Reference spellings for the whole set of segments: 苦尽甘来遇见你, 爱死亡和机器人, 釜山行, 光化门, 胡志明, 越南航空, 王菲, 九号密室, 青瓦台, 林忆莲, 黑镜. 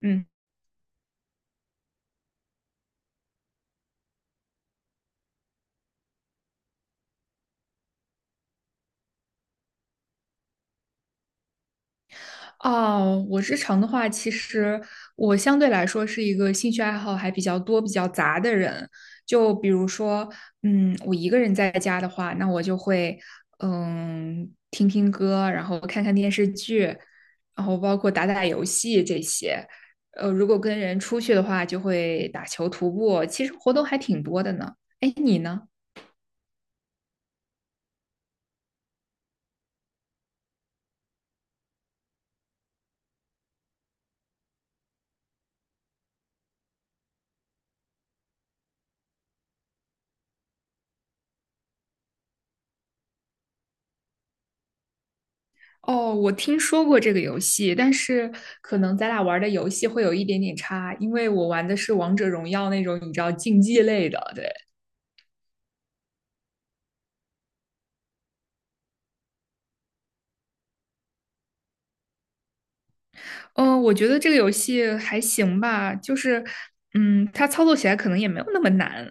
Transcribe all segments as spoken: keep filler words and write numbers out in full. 嗯，哦，我日常的话，其实我相对来说是一个兴趣爱好还比较多、比较杂的人。就比如说，嗯，我一个人在家的话，那我就会，嗯，听听歌，然后看看电视剧，然后包括打打游戏这些。呃，如果跟人出去的话，就会打球、徒步，其实活动还挺多的呢。哎，你呢？哦，我听说过这个游戏，但是可能咱俩玩的游戏会有一点点差，因为我玩的是王者荣耀那种你知道竞技类的。对。嗯，我觉得这个游戏还行吧，就是，嗯，它操作起来可能也没有那么难。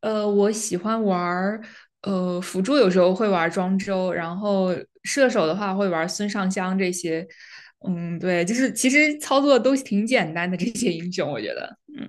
呃，我喜欢玩儿，呃，辅助有时候会玩庄周，然后射手的话会玩孙尚香这些。嗯，对，就是其实操作都挺简单的这些英雄，我觉得，嗯。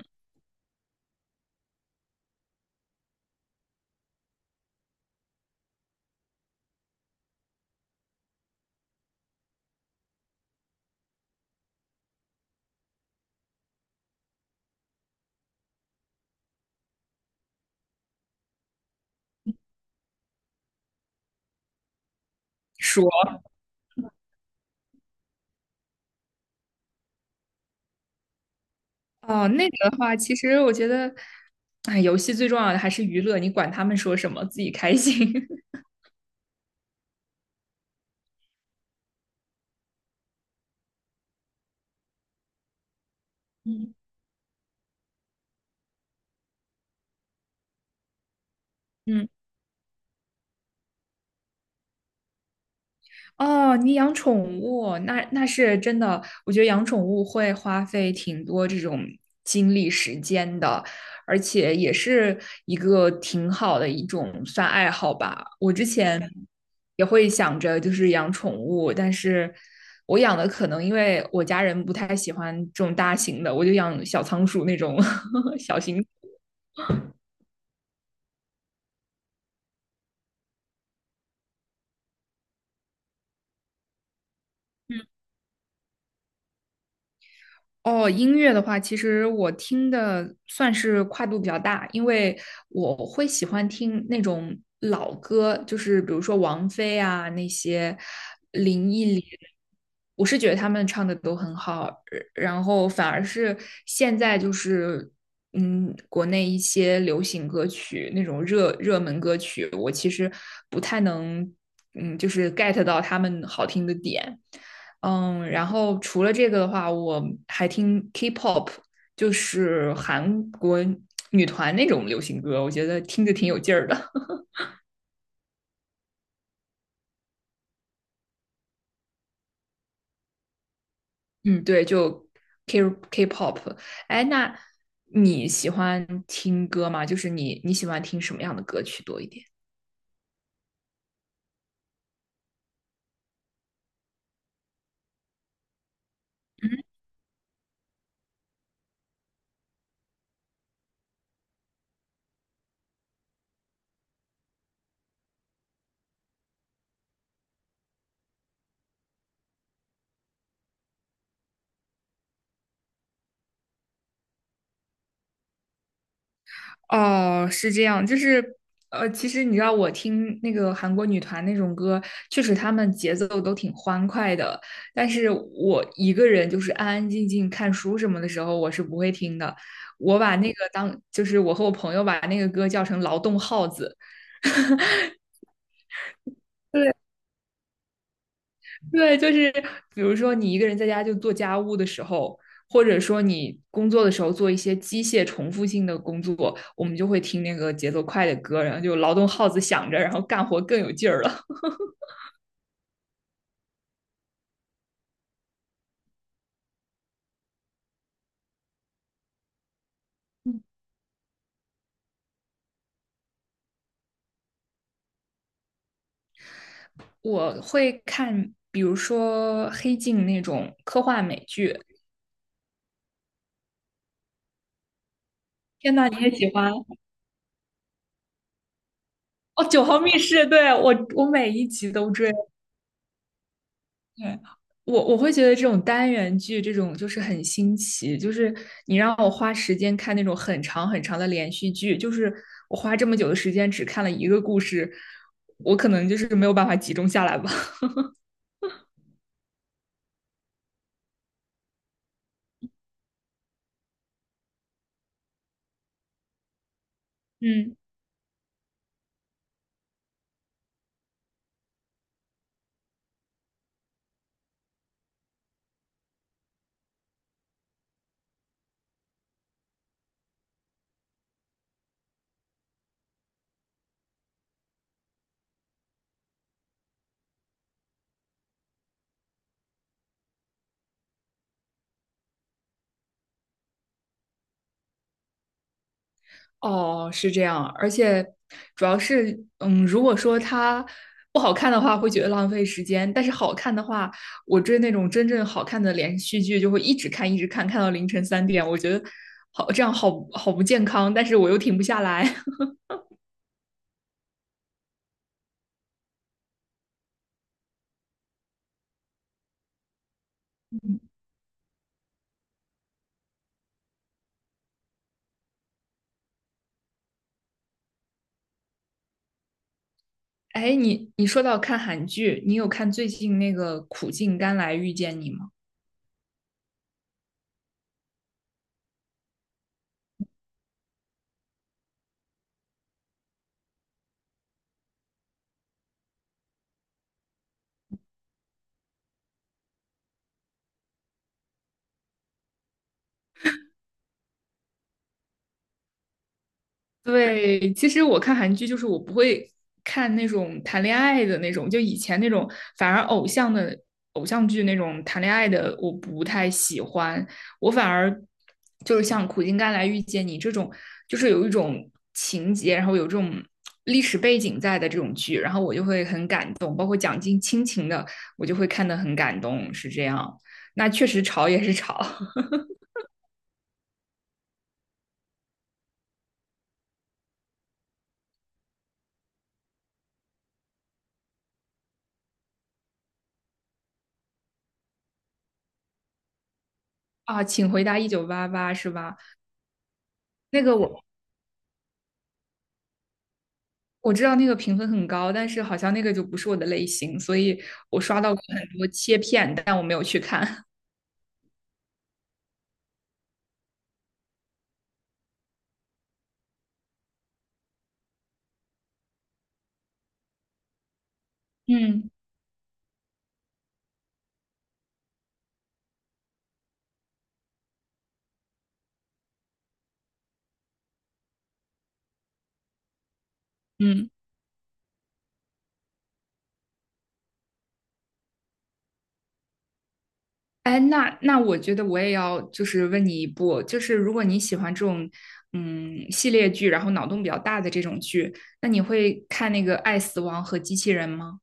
说。哦，那个的话，其实我觉得，哎，游戏最重要的还是娱乐，你管他们说什么，自己开心。嗯。嗯。哦，你养宠物，那那是真的，我觉得养宠物会花费挺多这种精力时间的，而且也是一个挺好的一种算爱好吧。我之前也会想着就是养宠物，但是我养的可能因为我家人不太喜欢这种大型的，我就养小仓鼠那种 小型哦，音乐的话，其实我听的算是跨度比较大，因为我会喜欢听那种老歌，就是比如说王菲啊那些林忆莲，我是觉得他们唱的都很好，呃然后反而是现在就是嗯，国内一些流行歌曲那种热热门歌曲，我其实不太能嗯，就是 get 到他们好听的点。嗯，然后除了这个的话，我还听 K-pop，就是韩国女团那种流行歌，我觉得听着挺有劲儿的。嗯，对，就 K K-pop。哎，那你喜欢听歌吗？就是你你喜欢听什么样的歌曲多一点？哦，是这样，就是呃，其实你知道，我听那个韩国女团那种歌，确实她们节奏都挺欢快的，但是我一个人就是安安静静看书什么的时候，我是不会听的。我把那个当，就是我和我朋友把那个歌叫成劳动号子。对，就是比如说你一个人在家就做家务的时候，或者说你工作的时候做一些机械重复性的工作，我们就会听那个节奏快的歌，然后就劳动号子响着，然后干活更有劲儿了。我会看，比如说《黑镜》那种科幻美剧。天呐，你也喜欢哦？《九号密室》对我，我每一集都追。对，我我会觉得这种单元剧，这种就是很新奇，就是你让我花时间看那种很长很长的连续剧，就是我花这么久的时间只看了一个故事，我可能就是没有办法集中下来吧。嗯。哦，是这样，而且主要是，嗯，如果说它不好看的话，会觉得浪费时间；但是好看的话，我追那种真正好看的连续剧，就会一直看，一直看，看到凌晨三点。我觉得好，这样好好不健康，但是我又停不下来。哎，你你说到看韩剧，你有看最近那个《苦尽甘来遇见你》吗？对，其实我看韩剧就是我不会看那种谈恋爱的那种，就以前那种，反而偶像的偶像剧那种谈恋爱的我不太喜欢，我反而就是像《苦尽甘来遇见你》这种，就是有一种情节，然后有这种历史背景在的这种剧，然后我就会很感动，包括讲尽亲情的，我就会看得很感动，是这样。那确实吵也是吵 啊，请回答一九八八是吧？那个我我知道那个评分很高，但是好像那个就不是我的类型，所以我刷到过很多切片，但我没有去看。嗯。嗯，哎，那那我觉得我也要就是问你一部，就是如果你喜欢这种嗯系列剧，然后脑洞比较大的这种剧，那你会看那个《爱死亡和机器人》吗？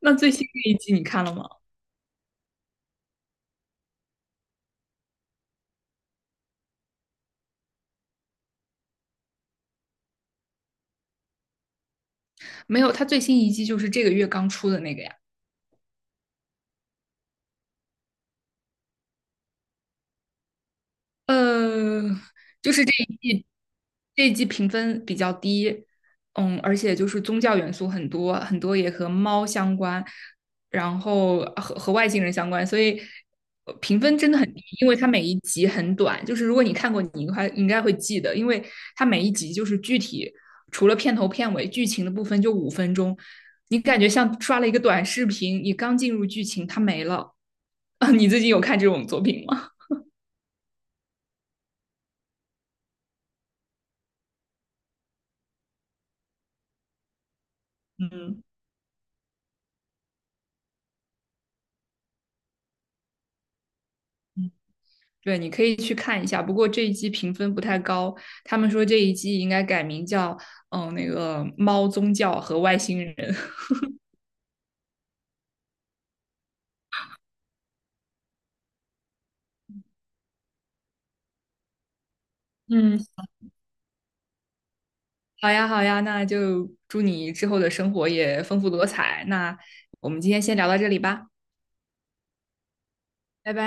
那最新的一季你看了吗？没有，它最新一季就是这个月刚出的那个呀。呃，就是这一季这一季评分比较低，嗯，而且就是宗教元素很多，很多也和猫相关，然后和和外星人相关，所以呃评分真的很低，因为它每一集很短，就是如果你看过，你应该应该会记得，因为它每一集就是具体除了片头片尾剧情的部分就五分钟，你感觉像刷了一个短视频，你刚进入剧情它没了，啊，你最近有看这种作品吗？嗯。对，你可以去看一下。不过这一季评分不太高，他们说这一季应该改名叫嗯那个猫宗教和外星人。嗯，好呀，好呀，那就祝你之后的生活也丰富多彩。那我们今天先聊到这里吧，拜拜。